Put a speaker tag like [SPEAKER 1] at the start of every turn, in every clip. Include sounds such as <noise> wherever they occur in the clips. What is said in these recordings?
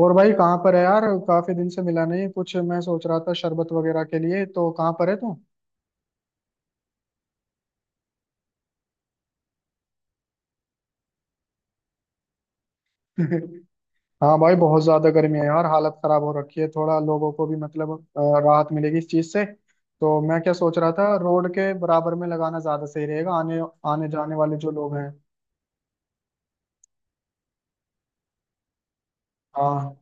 [SPEAKER 1] और भाई कहाँ पर है यार। काफी दिन से मिला नहीं, कुछ मैं सोच रहा था शरबत वगैरह के लिए। तो कहाँ पर है तू? <laughs> हाँ भाई, बहुत ज्यादा गर्मी है यार। हालत खराब हो रखी है, थोड़ा लोगों को भी, मतलब राहत मिलेगी इस चीज से। तो मैं क्या सोच रहा था, रोड के बराबर में लगाना ज्यादा सही रहेगा। आने आने जाने वाले जो लोग हैं। हाँ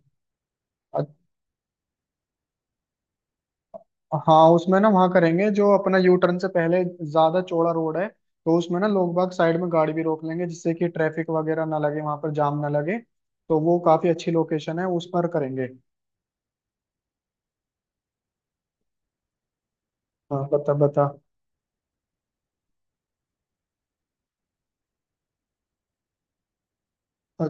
[SPEAKER 1] हाँ। उसमें ना वहां करेंगे, जो अपना यू टर्न से पहले। ज्यादा चौड़ा रोड है, तो उसमें ना लोग बाग साइड में गाड़ी भी रोक लेंगे, जिससे कि ट्रैफिक वगैरह ना लगे, वहां पर जाम ना लगे। तो वो काफी अच्छी लोकेशन है, उस पर करेंगे। हाँ बता बता। अ-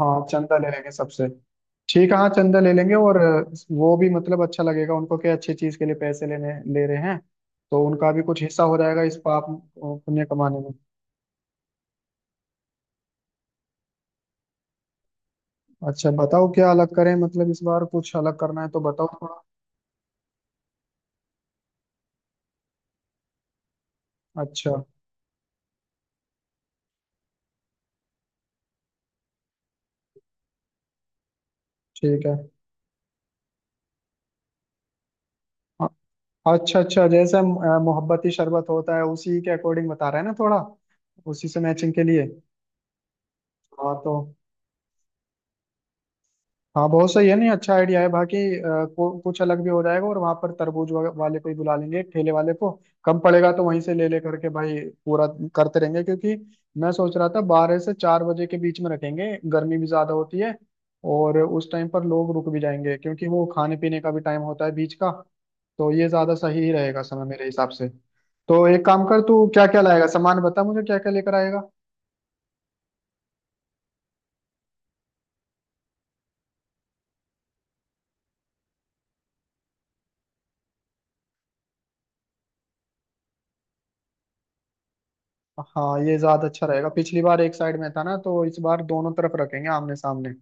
[SPEAKER 1] हाँ, चंदा ले लेंगे सबसे। ठीक है, हाँ चंदा ले लेंगे और वो भी मतलब अच्छा लगेगा उनको। क्या अच्छी चीज के लिए पैसे लेने ले रहे हैं, तो उनका भी कुछ हिस्सा हो जाएगा इस पाप पुण्य कमाने में। अच्छा बताओ क्या अलग करें, मतलब इस बार कुछ अलग करना है तो बताओ थोड़ा। अच्छा ठीक है। अ- अच्छा अच्छा, जैसे मोहब्बती शरबत होता है, उसी के अकॉर्डिंग बता रहा है ना थोड़ा। उसी से मैचिंग के लिए। हाँ तो, हाँ बहुत सही है। नहीं, अच्छा आइडिया है बाकी। कुछ अलग भी हो जाएगा। और वहां पर वाले को ही बुला लेंगे, एक ठेले वाले को। कम पड़ेगा तो वहीं से ले ले करके भाई, पूरा करते रहेंगे। क्योंकि मैं सोच रहा था 12 से 4 बजे के बीच में रखेंगे, गर्मी भी ज्यादा होती है। और उस टाइम पर लोग रुक भी जाएंगे, क्योंकि वो खाने पीने का भी टाइम होता है बीच का। तो ये ज्यादा सही ही रहेगा समय मेरे हिसाब से। तो एक काम कर, तू क्या क्या लाएगा सामान बता मुझे, क्या क्या लेकर आएगा? हाँ, ये ज्यादा अच्छा रहेगा, पिछली बार एक साइड में था ना, तो इस बार दोनों तरफ रखेंगे आमने सामने।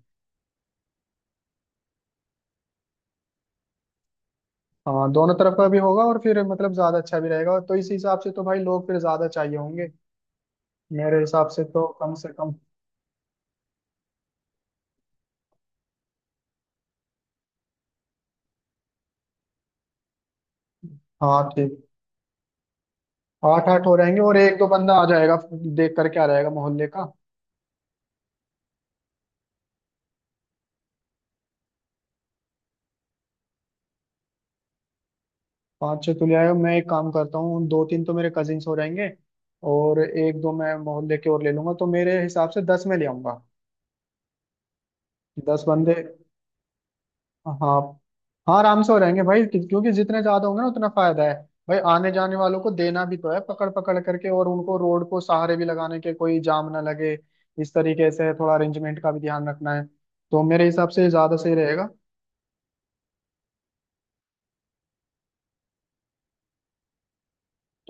[SPEAKER 1] हाँ दोनों तरफ का भी होगा और फिर मतलब ज्यादा अच्छा भी रहेगा। तो इस हिसाब से तो भाई लोग फिर ज्यादा चाहिए होंगे। मेरे हिसाब से तो कम से कम। हाँ ठीक। आठ आठ हो रहेंगे और एक दो बंदा आ जाएगा, देख कर क्या रहेगा मोहल्ले का। पाँच छह तो ले आएगा, मैं एक काम करता हूँ, दो तीन तो मेरे कजिन्स हो जाएंगे, और एक दो मैं मोहल्ले के और ले लूंगा, तो मेरे हिसाब से 10 में ले आऊंगा। 10 बंदे। हाँ हाँ, आराम से हो रहेंगे भाई, क्योंकि जितने ज्यादा होंगे ना, उतना फायदा है। भाई आने जाने वालों को देना भी तो है पकड़ पकड़ करके, और उनको रोड को सहारे भी लगाने के, कोई जाम ना लगे। इस तरीके से थोड़ा अरेंजमेंट का भी ध्यान रखना है। तो मेरे हिसाब से ज्यादा सही रहेगा।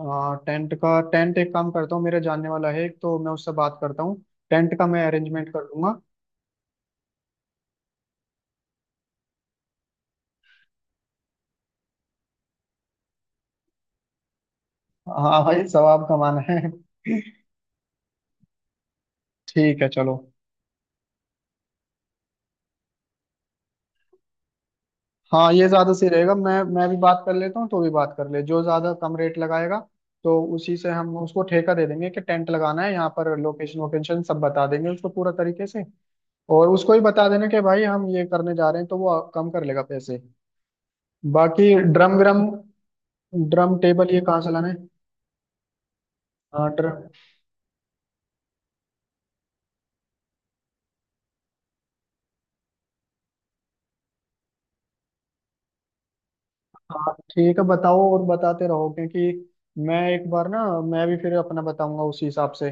[SPEAKER 1] आ, टेंट का टेंट, एक काम करता हूँ, मेरे जानने वाला है एक, तो मैं उससे बात करता हूँ। टेंट का मैं अरेंजमेंट कर दूंगा। हाँ भाई, सवाब कमाना है। <laughs> ठीक है चलो। हाँ ये ज्यादा सही रहेगा, मैं भी बात कर लेता हूँ, तो भी बात कर ले, जो ज्यादा कम रेट लगाएगा। तो उसी से हम उसको ठेका दे देंगे कि टेंट लगाना है यहाँ पर, लोकेशन वोकेशन सब बता देंगे उसको पूरा तरीके से। और उसको ही बता देना कि भाई हम ये करने जा रहे हैं, तो वो कम कर लेगा पैसे। बाकी ड्रम ग्रम, ड्रम टेबल ये कहाँ से लाना है? हाँ ड्रम। हाँ ठीक है, बताओ और बताते रहो, क्योंकि मैं एक बार ना, मैं भी फिर अपना बताऊंगा उसी हिसाब से।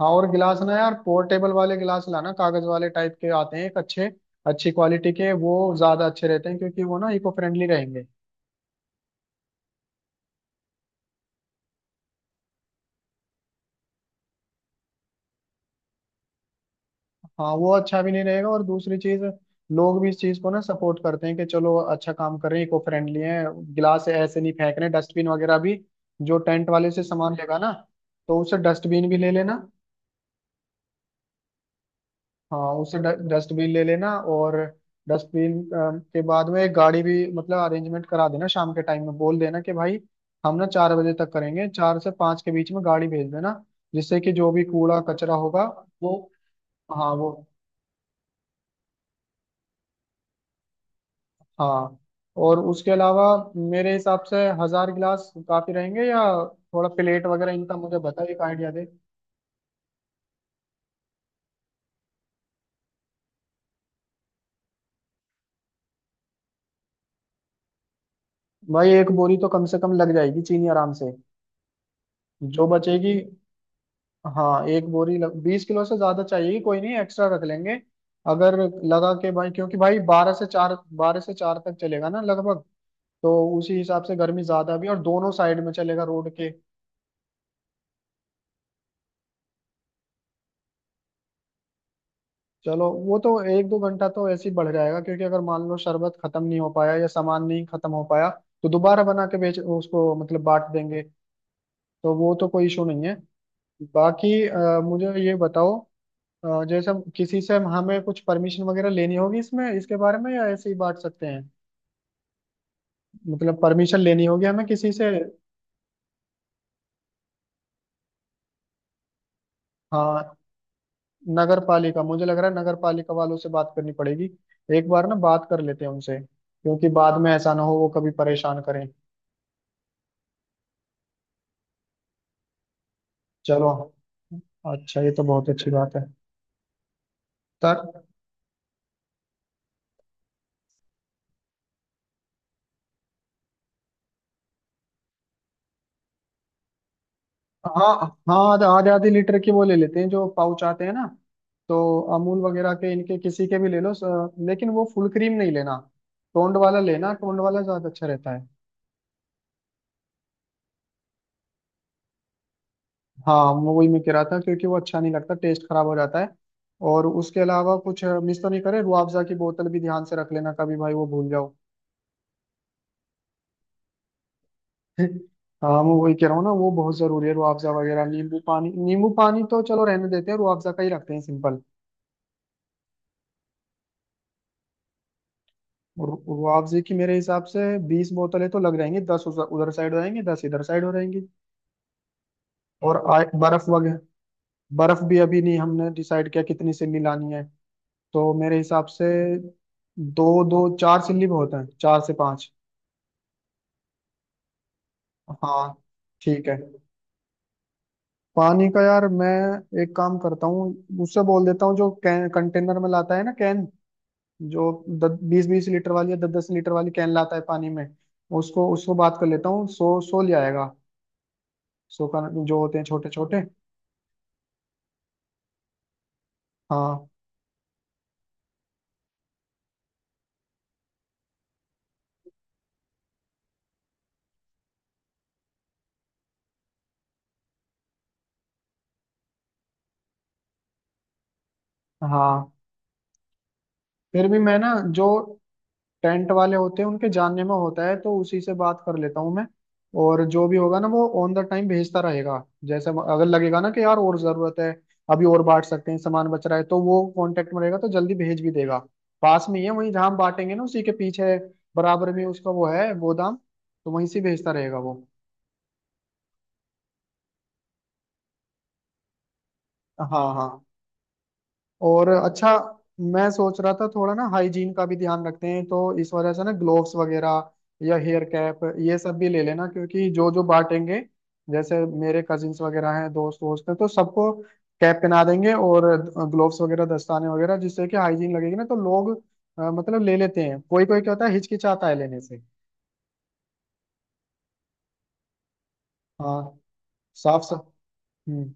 [SPEAKER 1] हाँ और गिलास ना यार, पोर्टेबल वाले गिलास लाना, कागज वाले टाइप के आते हैं, एक अच्छे अच्छी क्वालिटी के। वो ज्यादा अच्छे रहते हैं, क्योंकि वो ना इको फ्रेंडली रहेंगे। हाँ वो अच्छा भी नहीं रहेगा, और दूसरी चीज, लोग भी इस चीज को ना सपोर्ट करते हैं कि चलो अच्छा काम कर रहे हैं, इको फ्रेंडली है, गिलास ऐसे नहीं फेंक रहे। डस्टबिन वगैरह भी, जो टेंट वाले से सामान लेगा ना, तो उसे डस्टबिन भी ले लेना। हाँ उससे डस्टबिन ले लेना, और डस्टबिन के बाद में एक गाड़ी भी मतलब अरेंजमेंट करा देना, शाम के टाइम में बोल देना कि भाई, हम ना 4 बजे तक करेंगे, 4 से 5 के बीच में गाड़ी भेज देना, जिससे कि जो भी कूड़ा कचरा होगा वो। हाँ वो। हाँ और उसके अलावा, मेरे हिसाब से 1000 गिलास काफी रहेंगे, या थोड़ा प्लेट वगैरह, इनका मुझे बता, एक आइडिया दे भाई। एक बोरी तो कम से कम लग जाएगी चीनी आराम से, जो बचेगी। हाँ 20 किलो से ज्यादा चाहिए, कोई नहीं एक्स्ट्रा रख लेंगे, अगर लगा के भाई। क्योंकि भाई 12 से 4 तक चलेगा ना लगभग। तो उसी हिसाब से, गर्मी ज्यादा भी और दोनों साइड में चलेगा रोड के। चलो वो तो एक दो घंटा तो ऐसे ही बढ़ जाएगा, क्योंकि अगर मान लो शरबत खत्म नहीं हो पाया या सामान नहीं खत्म हो पाया, तो दोबारा बना के, बेच उसको, मतलब बांट देंगे। तो वो तो कोई इशू नहीं है। बाकी मुझे ये बताओ, जैसे किसी से हमें कुछ परमिशन वगैरह लेनी होगी इसमें, इसके बारे में, या ऐसे ही बांट सकते हैं? मतलब परमिशन लेनी होगी हमें किसी से? हाँ, नगर पालिका, मुझे लग रहा है नगर पालिका वालों से बात करनी पड़ेगी। एक बार ना बात कर लेते हैं उनसे, क्योंकि बाद में ऐसा ना हो वो कभी परेशान करें। चलो अच्छा, ये तो बहुत अच्छी बात है। तर हाँ हाँ, आधा आधे आधे लीटर के वो ले लेते हैं, जो पाउच आते हैं ना। तो अमूल वगैरह के, इनके किसी के भी ले लो, लेकिन वो फुल क्रीम नहीं लेना। टोंड वाला लेना, टोंड वाला ज्यादा अच्छा रहता है। हाँ मैं वही मैं कह रहा था, क्योंकि वो अच्छा नहीं लगता, टेस्ट खराब हो जाता है। और उसके अलावा कुछ मिस तो नहीं करे, रुआफजा की बोतल भी ध्यान से रख लेना, कभी भाई वो भूल जाओ। <laughs> हाँ मैं वही कह रहा हूँ ना, वो बहुत जरूरी है, रुआफजा वगैरह, नींबू पानी। नींबू पानी तो चलो रहने देते हैं, रुआफजा का ही रखते हैं सिंपल। रुआफजे की मेरे हिसाब से 20 बोतलें तो लग जाएंगी, 10 उधर साइड हो जाएंगी, 10 इधर साइड हो जाएंगी। और बर्फ वगैरह। बर्फ भी अभी नहीं हमने डिसाइड किया, कितनी सिल्ली लानी है। तो मेरे हिसाब से दो दो, 4 सिल्ली बहुत हैं, 4 से 5। हाँ ठीक है। पानी का यार, मैं एक काम करता हूँ, उससे बोल देता हूँ, जो कैन कंटेनर में लाता है ना, कैन जो दस बीस, 20 लीटर वाली या 10 10 लीटर वाली कैन लाता है पानी में। उसको उसको बात कर लेता हूँ, 100 100 ले आएगा। 100 का जो होते हैं, छोटे छोटे। हाँ हाँ। फिर भी मैं ना, जो टेंट वाले होते हैं उनके जानने में होता है, तो उसी से बात कर लेता हूँ मैं। और जो भी होगा ना, वो ऑन द टाइम भेजता रहेगा, जैसे अगर लगेगा ना कि यार और जरूरत है, अभी और बांट सकते हैं, सामान बच रहा है, तो वो कांटेक्ट में रहेगा तो जल्दी भेज भी देगा। पास में ही है वहीं, जहाँ हम बांटेंगे ना उसी के पीछे, बराबर में उसका वो है गोदाम, तो वहीं से भेजता रहेगा वो। हाँ हाँ। और अच्छा, मैं सोच रहा था, थोड़ा ना हाइजीन का भी ध्यान रखते हैं, तो इस वजह से ना ग्लोव्स वगैरह या हेयर कैप, ये सब भी ले लेना, क्योंकि जो जो बांटेंगे, जैसे मेरे कजिन्स वगैरह हैं, दोस्त वोस्त हैं, तो सबको कैप पहना देंगे और ग्लोव्स वगैरह, दस्ताने वगैरह, जिससे कि हाइजीन लगेगी ना, तो लोग मतलब ले लेते हैं, कोई कोई क्या होता है, हिचकिचाता है लेने से। हाँ। साफ साफ। हम्म।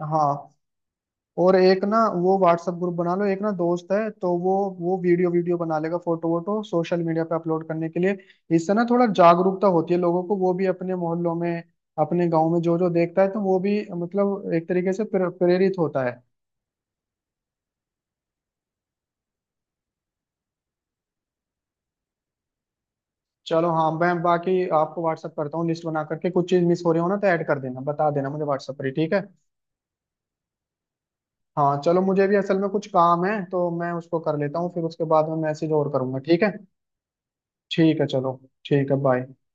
[SPEAKER 1] हाँ और एक ना वो व्हाट्सएप ग्रुप बना लो, एक ना दोस्त है, तो वो वीडियो वीडियो बना लेगा, फोटो वोटो सोशल मीडिया पे अपलोड करने के लिए। इससे ना थोड़ा जागरूकता होती है लोगों को, वो भी अपने मोहल्लों में, अपने गांव में जो जो देखता है, तो वो भी मतलब एक तरीके से प्रेरित होता है। चलो हाँ, मैं बाकी आपको व्हाट्सएप करता हूँ लिस्ट बना करके, कुछ चीज मिस हो रही हो ना तो ऐड कर देना, बता देना मुझे व्हाट्सएप पर ही, ठीक है। हाँ चलो, मुझे भी असल में कुछ काम है, तो मैं उसको कर लेता हूँ, फिर उसके बाद में मैसेज और करूंगा। ठीक है। ठीक है चलो। ठीक है बाय।